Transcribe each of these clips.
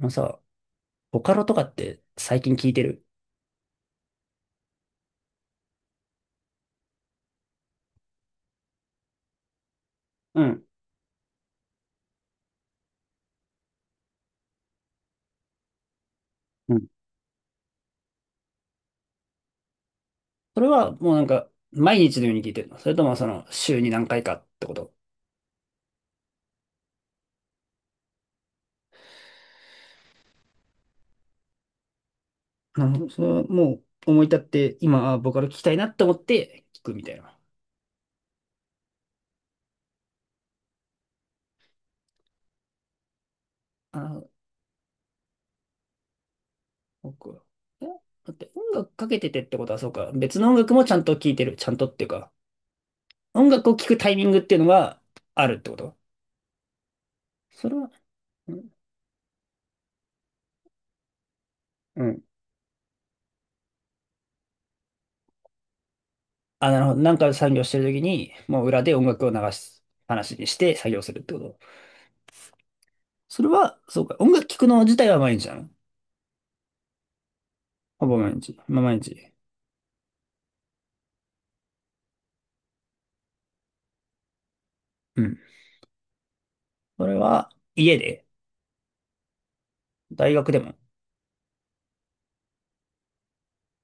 あのさ、ボカロとかって最近聞いてる？うん。うん。それはもうなんか毎日のように聞いてるの？それともその週に何回かってこと？あの、それはもう思い立って今、あ、ボカロ聞きたいなって思って聞くみたいな。あ、僕は。え、だって音楽かけててってことはそうか。別の音楽もちゃんと聞いてる。ちゃんとっていうか、音楽を聞くタイミングっていうのがあるってこと？それは、うん、うん。あ、なるほど。なんか作業してる時に、もう裏で音楽を流す話にして作業するってこと？それは、そうか。音楽聴くの自体は毎日なの？ほぼ毎日。まあ、毎日。うん。それは、家で？大学でも？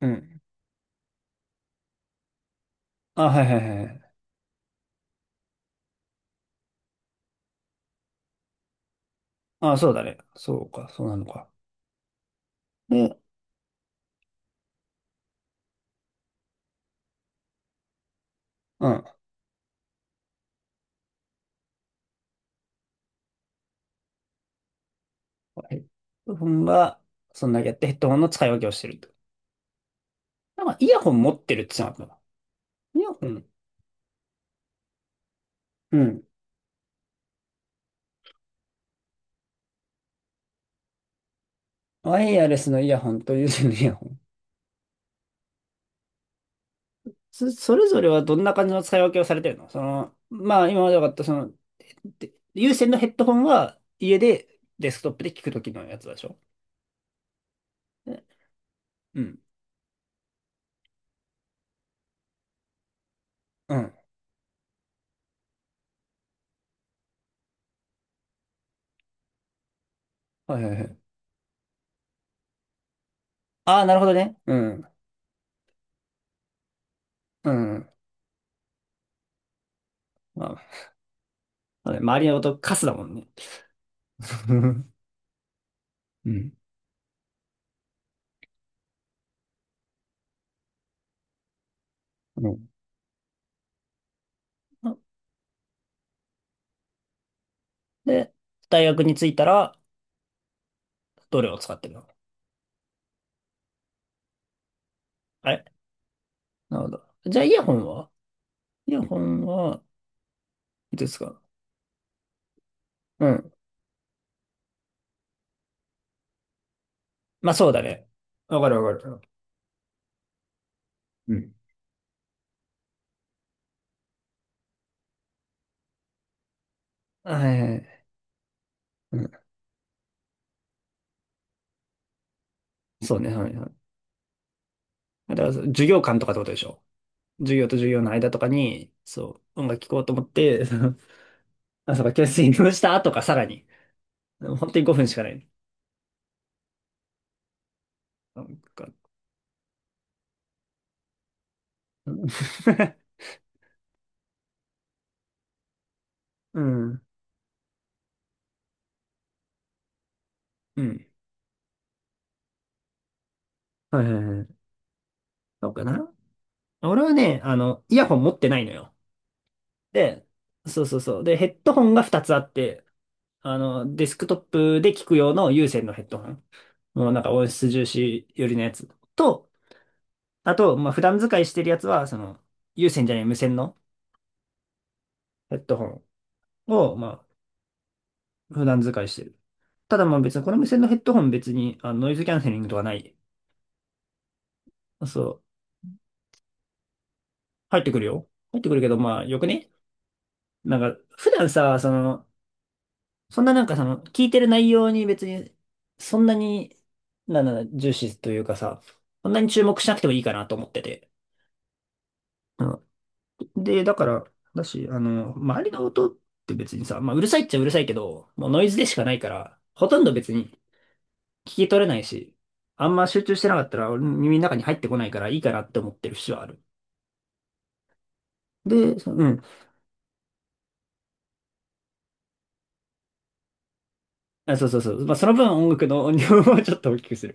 うん。あ、はいはいはい。あ、そうだね。そうか、そうなのか。で、うん。ヘッドホンが、そんだけやってヘッドホンの使い分けをしてると。なんか、イヤホン持ってるって言ってなかった？イヤホン。うん。ワイヤレスのイヤホンと有線のイヤホン。それぞれはどんな感じの使い分けをされてるの？その、まあ、今まで分かった、その、で、有線のヘッドホンは家でデスクトップで聞くときのやつでしょ？ね。うん。うん。はいはいはい。ああ、なるほどね。うん。うん。まあ、そうね、周りの音カスだもんね。うん。うん。で、大学に着いたら、どれを使ってるの？あれ？なるほど。じゃあ、イヤホンは、いつですか？うん。まあ、そうだね。わかるわかる。うん。はいはいはい。うん。そうね、はいはい。だから、授業観とかってことでしょ？授業と授業の間とかに、そう、音楽聴こうと思って、その、あ、そうか、教室に移動したとかさらに、本当に5分しかない。なんか、うん、うん。はいはいはい。そうかな。俺はね、あの、イヤホン持ってないのよ。で、そうそうそう。で、ヘッドホンが2つあって、あの、デスクトップで聞く用の有線のヘッドホン。もうなんか音質重視寄りのやつ。と、あと、まあ、普段使いしてるやつは、その、有線じゃない無線のヘッドホンを、まあ、普段使いしてる。ただまあ別に、この無線のヘッドホン別にあのノイズキャンセリングとかない。そう。入ってくるよ。入ってくるけど、まあよくね。なんか、普段さ、その、そんななんかその、聞いてる内容に別に、そんなに、なんだろうな、重視というかさ、そんなに注目しなくてもいいかなと思ってて。うん、で、だから、だし、あの、周りの音って別にさ、まあうるさいっちゃうるさいけど、もうノイズでしかないから、ほとんど別に聞き取れないし、あんま集中してなかったら俺の耳の中に入ってこないからいいかなって思ってる節はある。で、そうん。あ、そうそうそう。まあ、その分音楽の音量を ちょっと大きくするっ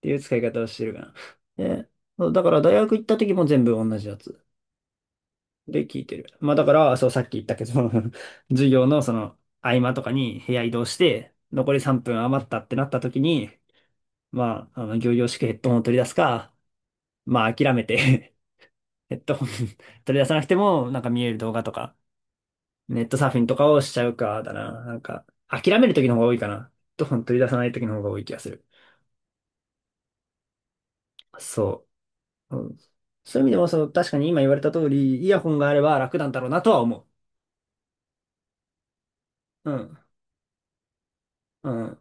ていう使い方をしてるかな。で、そうだから大学行った時も全部同じやつで聞いてる。まあ、だから、そう、さっき言ったけど 授業のその合間とかに部屋移動して、残り3分余ったってなった時に、まあ、あの、仰々しくヘッドホンを取り出すか、まあ、諦めて ヘッドホン 取り出さなくても、なんか見える動画とか、ネットサーフィンとかをしちゃうか、だな。なんか、諦める時の方が多いかな。ヘッドホン取り出さない時の方が多い気がする。そう。うん、そういう意味でも、その、確かに今言われた通り、イヤホンがあれば楽なんだろうなとは思う。うん。うん。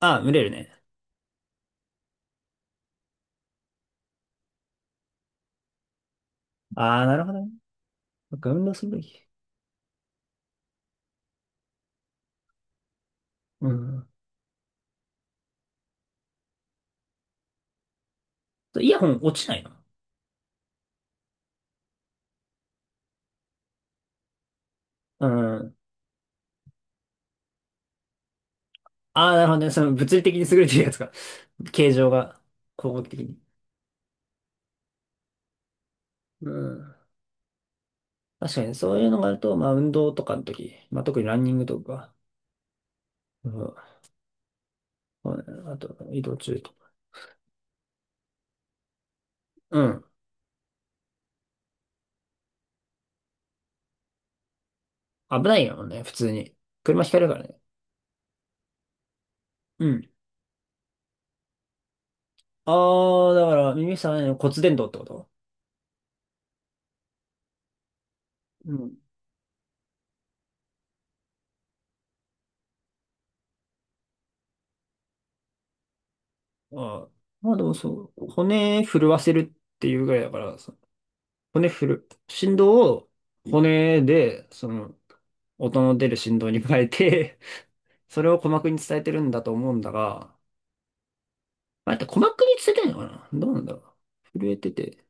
ああ、群れるね。ああ、なるほどね。運動するべき。うん。イヤホン落ちないの？うん。ああ、なるほどね。その物理的に優れてるやつが、形状が、工学的に。うん。確かに、そういうのがあると、まあ、運動とかの時、まあ、特にランニングとか、うん。そうね。あと、移動中とか。うん。危ないよね、普通に。車ひかれるからね。うん。ああ、だから、耳さんの骨伝導ってこと？うん。ああ。まあでもそう、骨震わせるっていうぐらいだから、そ骨振る、振動を骨で、その、音の出る振動に変えて、それを鼓膜に伝えてるんだと思うんだが、まあれって鼓膜に伝えてるのかな、どうなんだろう。震えてて、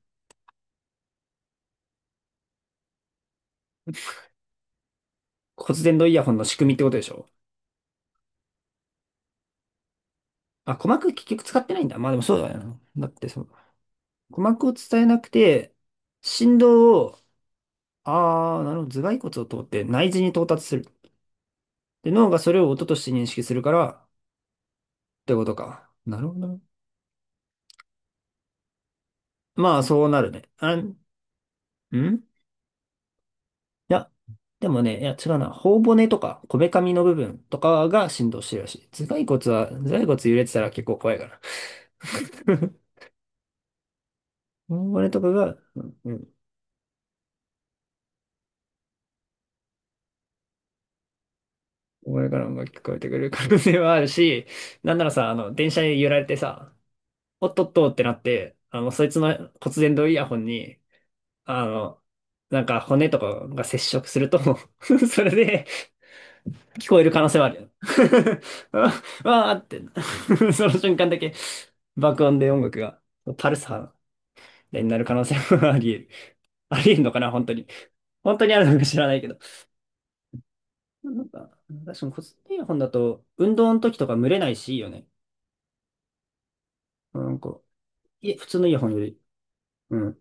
骨伝導イヤホンの仕組みってことでしょ？あ、鼓膜結局使ってないんだ。まあでもそうだよな。だってそう、鼓膜を伝えなくて、振動をああ、なるほど。頭蓋骨を通って内耳に到達する。で、脳がそれを音として認識するからってことか。なるほど。まあ、そうなるね。いや、でもね、いや、違うな。頬骨とか、こめかみの部分とかが振動してるらしい。頭蓋骨揺れてたら結構怖いから。頬骨とかが、うんうん。これから音が聞こえてくる可能性はあるし、なんならさ、あの、電車に揺られてさ、おっとっとってなって、あの、そいつの骨伝導イヤホンに、あの、なんか骨とかが接触すると それで聞こえる可能性はあるよ。ああーって その瞬間だけ爆音で音楽がパルス波になる可能性もあり得る。あり得るのかな、本当に。本当にあるのか知らないけど。なんか、確かに骨伝イヤホンだと運動の時とか蒸れないし、いいよね。なんか、いえ、普通のイヤホンより。うん。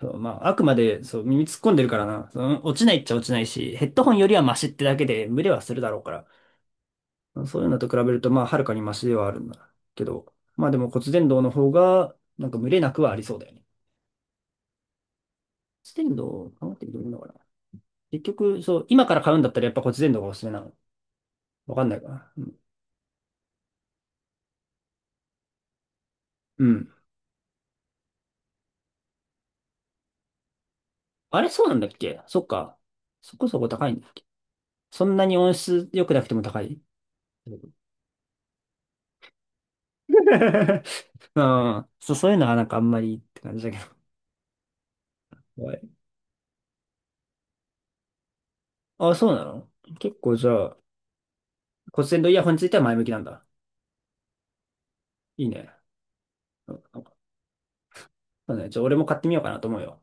そう、まあ、あくまで、そう、耳突っ込んでるからな。その落ちないっちゃ落ちないし、ヘッドホンよりはマシってだけで、蒸れはするだろうから。そういうのと比べると、まあ、はるかにマシではあるんだけど、まあでも骨伝導の方が、なんか群れなくはありそうだよね。骨伝導を考えてどういのかな。結局、そう、今から買うんだったらやっぱ骨伝導がおすすめなの？わかんないかな。うん。うん。あれ、そうなんだっけ？そっか。そこそこ高いんだっけ？そんなに音質良くなくても高い？ うん。そう、そういうのはなんかあんまりって感じだけど。はい。あ、そうなの？結構じゃあ、骨伝導イヤホンについては前向きなんだ？いいね。うん、なんかそうね、じゃあ俺も買ってみようかなと思うよ。